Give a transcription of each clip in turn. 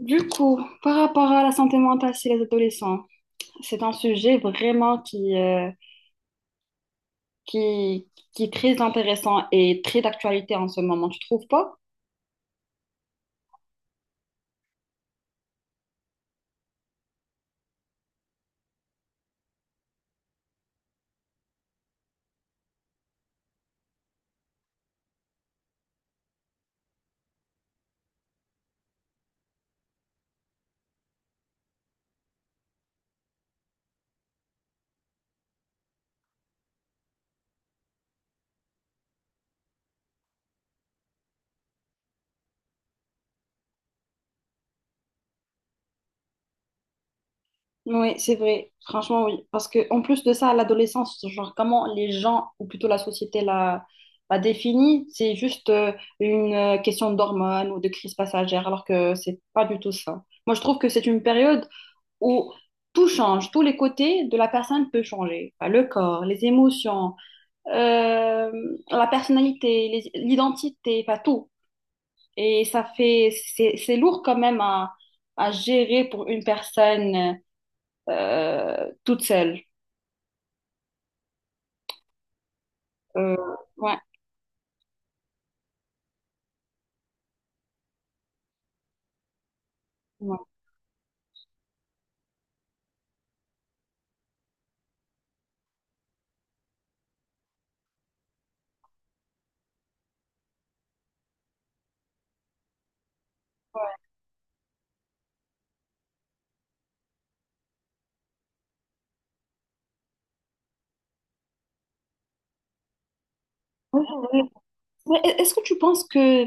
Du coup, par rapport à la santé mentale chez les adolescents, c'est un sujet vraiment qui est très intéressant et très d'actualité en ce moment, tu trouves pas? Oui, c'est vrai, franchement oui. Parce que en plus de ça, l'adolescence, genre comment les gens, ou plutôt la société la définit, c'est juste une question d'hormones ou de crise passagère, alors que c'est pas du tout ça. Moi, je trouve que c'est une période où tout change, tous les côtés de la personne peut changer. Enfin, le corps, les émotions euh, la personnalité, l'identité, pas tout. Et ça fait, c'est lourd quand même à gérer pour une personne toute seule. Euh, ouais, ouais. Mais est-ce que tu penses que,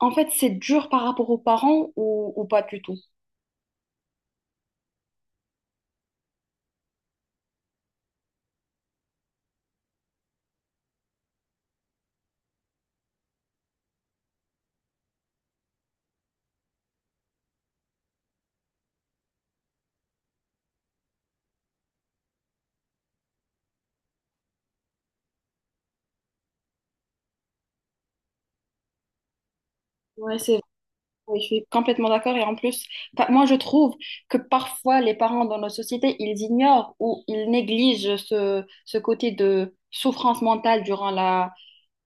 en fait, c'est dur par rapport aux parents ou pas du tout? Ouais, c'est oui, je suis complètement d'accord. Et en plus, enfin, moi, je trouve que parfois, les parents dans nos sociétés, ils ignorent ou ils négligent ce, ce côté de souffrance mentale durant la,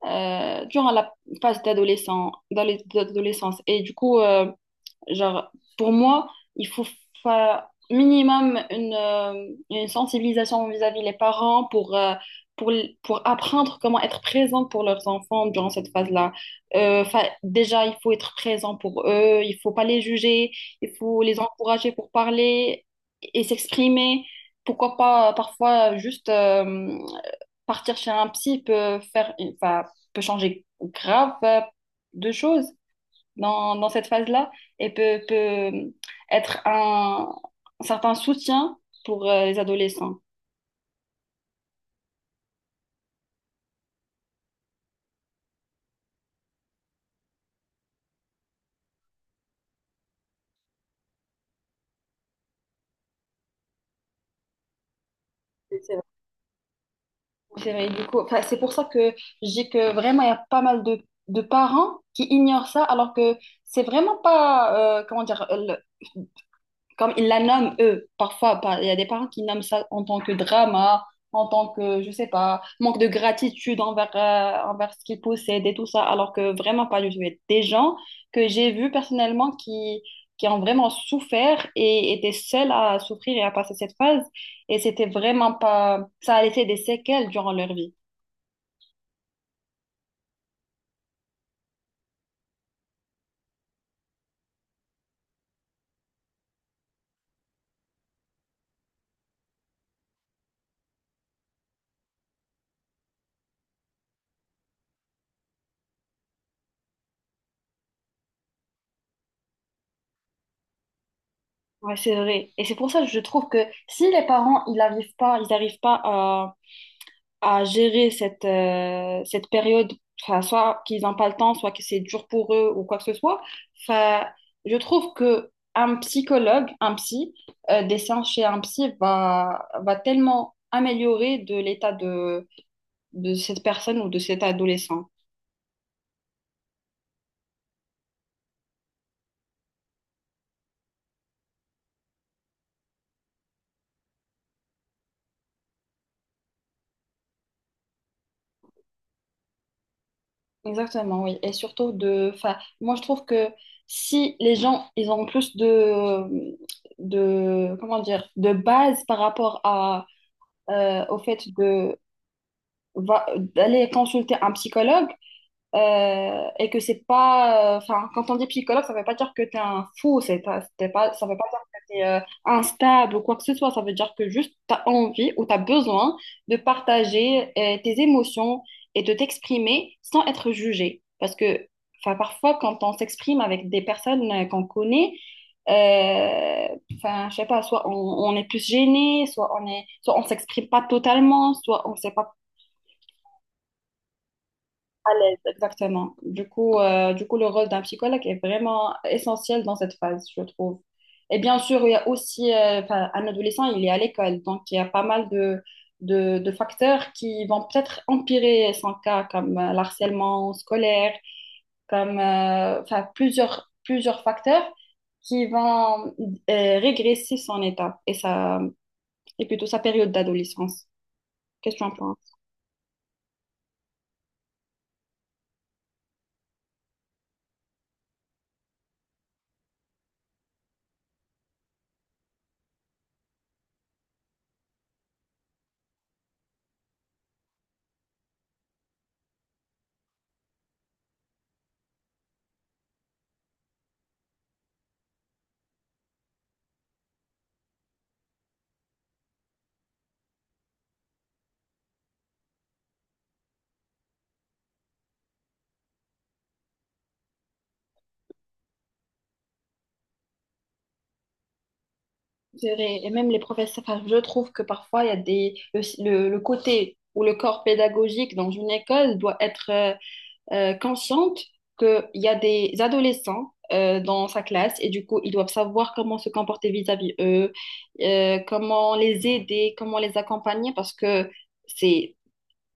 euh, durant la phase d'adolescent, d'adolescence. Et du coup, genre, pour moi, il faut faire minimum une sensibilisation vis-à-vis les parents pour, pour apprendre comment être présent pour leurs enfants durant cette phase-là. Déjà, il faut être présent pour eux, il faut pas les juger, il faut les encourager pour parler et s'exprimer. Pourquoi pas parfois juste partir chez un psy peut faire, enfin, peut changer grave de choses dans cette phase-là et peut être un certain soutien pour les adolescents. C'est vrai. C'est vrai, du coup, enfin, c'est pour ça que je dis que vraiment, il y a pas mal de parents qui ignorent ça, alors que c'est vraiment pas, comment dire, le- comme ils la nomment eux, il y a des parents qui nomment ça en tant que drama, en tant que, je sais pas, manque de gratitude envers, envers ce qu'ils possèdent et tout ça, alors que vraiment pas du tout. Il y a des gens que j'ai vus personnellement qui ont vraiment souffert et étaient seuls à souffrir et à passer cette phase, et c'était vraiment pas, ça a laissé des séquelles durant leur vie. Ouais, c'est vrai. Et c'est pour ça que je trouve que si les parents, ils n'arrivent pas à gérer cette, cette période, enfin, soit qu'ils n'ont pas le temps, soit que c'est dur pour eux ou quoi que ce soit. Enfin, je trouve que un psychologue, un psy, des séances chez un psy va tellement améliorer de l'état de cette personne ou de cet adolescent. Exactement, oui. Et surtout de, enfin, moi je trouve que si les gens, ils ont plus comment dire, de base par rapport à, au fait va- d'aller consulter un psychologue, et que c'est pas. Enfin, quand on dit psychologue, ça veut pas dire que t'es un fou, c'est pas, c'était pas, ça veut pas dire que t'es instable ou quoi que ce soit, ça veut dire que juste t'as envie ou t'as besoin de partager tes émotions et de t'exprimer sans être jugé. Parce que, enfin, parfois, quand on s'exprime avec des personnes qu'on connaît, euh, enfin, je sais pas, soit on est plus gêné, soit on est, soit on s'exprime pas totalement, soit on sait pas à l'aise, exactement. Du coup, le rôle d'un psychologue est vraiment essentiel dans cette phase, je trouve. Et bien sûr, il y a aussi, enfin, un adolescent, il est à l'école, donc il y a pas mal de facteurs qui vont peut-être empirer son cas, comme l'harcèlement scolaire, comme enfin, plusieurs facteurs qui vont régresser son état et plutôt sa période d'adolescence. Qu'est-ce que tu en penses? C'est vrai. Et même les professeurs, enfin, je trouve que parfois, il y a des, le côté ou le corps pédagogique dans une école doit être consciente qu'il y a des adolescents dans sa classe et du coup, ils doivent savoir comment se comporter vis-à-vis eux, comment les aider, comment les accompagner parce que c'est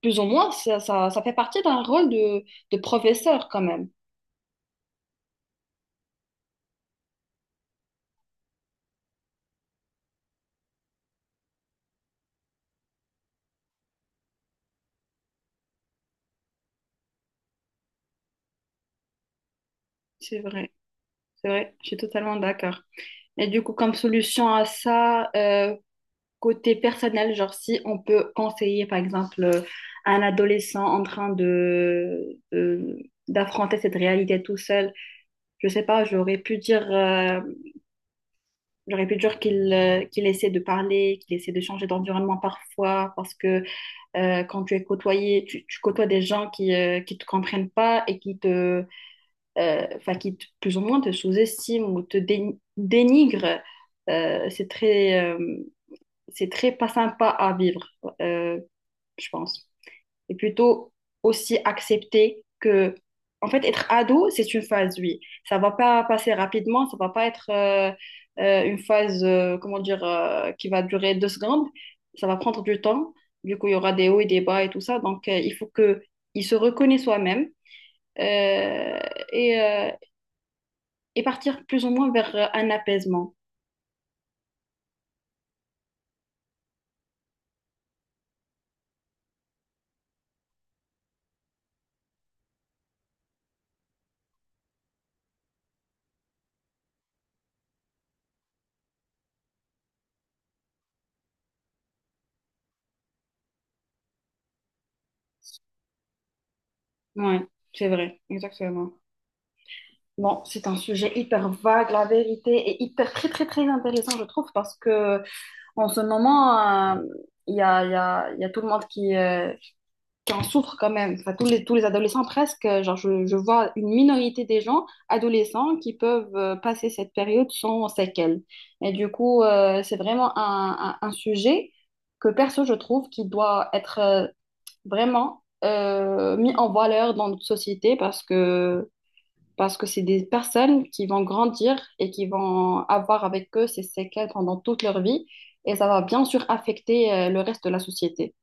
plus ou moins, ça fait partie d'un rôle de professeur quand même. C'est vrai, c'est vrai, je suis totalement d'accord. Et du coup, comme solution à ça, côté personnel, genre si on peut conseiller par exemple à un adolescent en train d'affronter cette réalité tout seul, je sais pas, j'aurais pu dire qu'il qu'il essaie de parler, qu'il essaie de changer d'environnement parfois parce que quand tu es côtoyé, tu côtoies des gens qui te comprennent pas et qui te enfin plus ou moins te sous-estiment ou te dénigrent. Euh, c'est très euh, c'est très pas sympa à vivre. Euh, je pense. Et plutôt aussi accepter que, en fait, être ado, c'est une phase, oui. Ça va pas passer rapidement, ça va pas être une phase, comment dire, qui va durer deux secondes. Ça va prendre du temps. Du coup, il y aura des hauts et des bas et tout ça. Donc, il faut que il se reconnaisse soi-même euh, et, euh, et partir plus ou moins vers un apaisement. Ouais, c'est vrai, exactement. Bon, c'est un sujet hyper vague, la vérité, et hyper très très très intéressant, je trouve, parce que en ce moment, euh, il y a tout le monde qui en souffre quand même. Enfin, tous les adolescents presque. Genre, je vois une minorité des gens, adolescents, qui peuvent passer cette période sans séquelles. Et du coup, c'est vraiment un sujet que perso, je trouve, qui doit être vraiment mis en valeur dans notre société parce que c'est des personnes qui vont grandir et qui vont avoir avec eux ces séquelles pendant toute leur vie et ça va bien sûr affecter le reste de la société.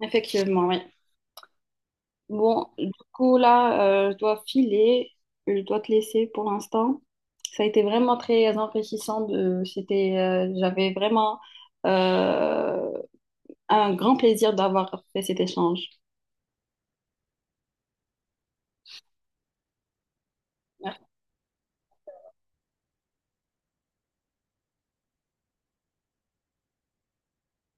Effectivement, oui. Bon, du coup, là, je dois filer, je dois te laisser pour l'instant. Ça a été vraiment très enrichissant. De, c'était, j'avais vraiment euh, un grand plaisir d'avoir fait cet échange.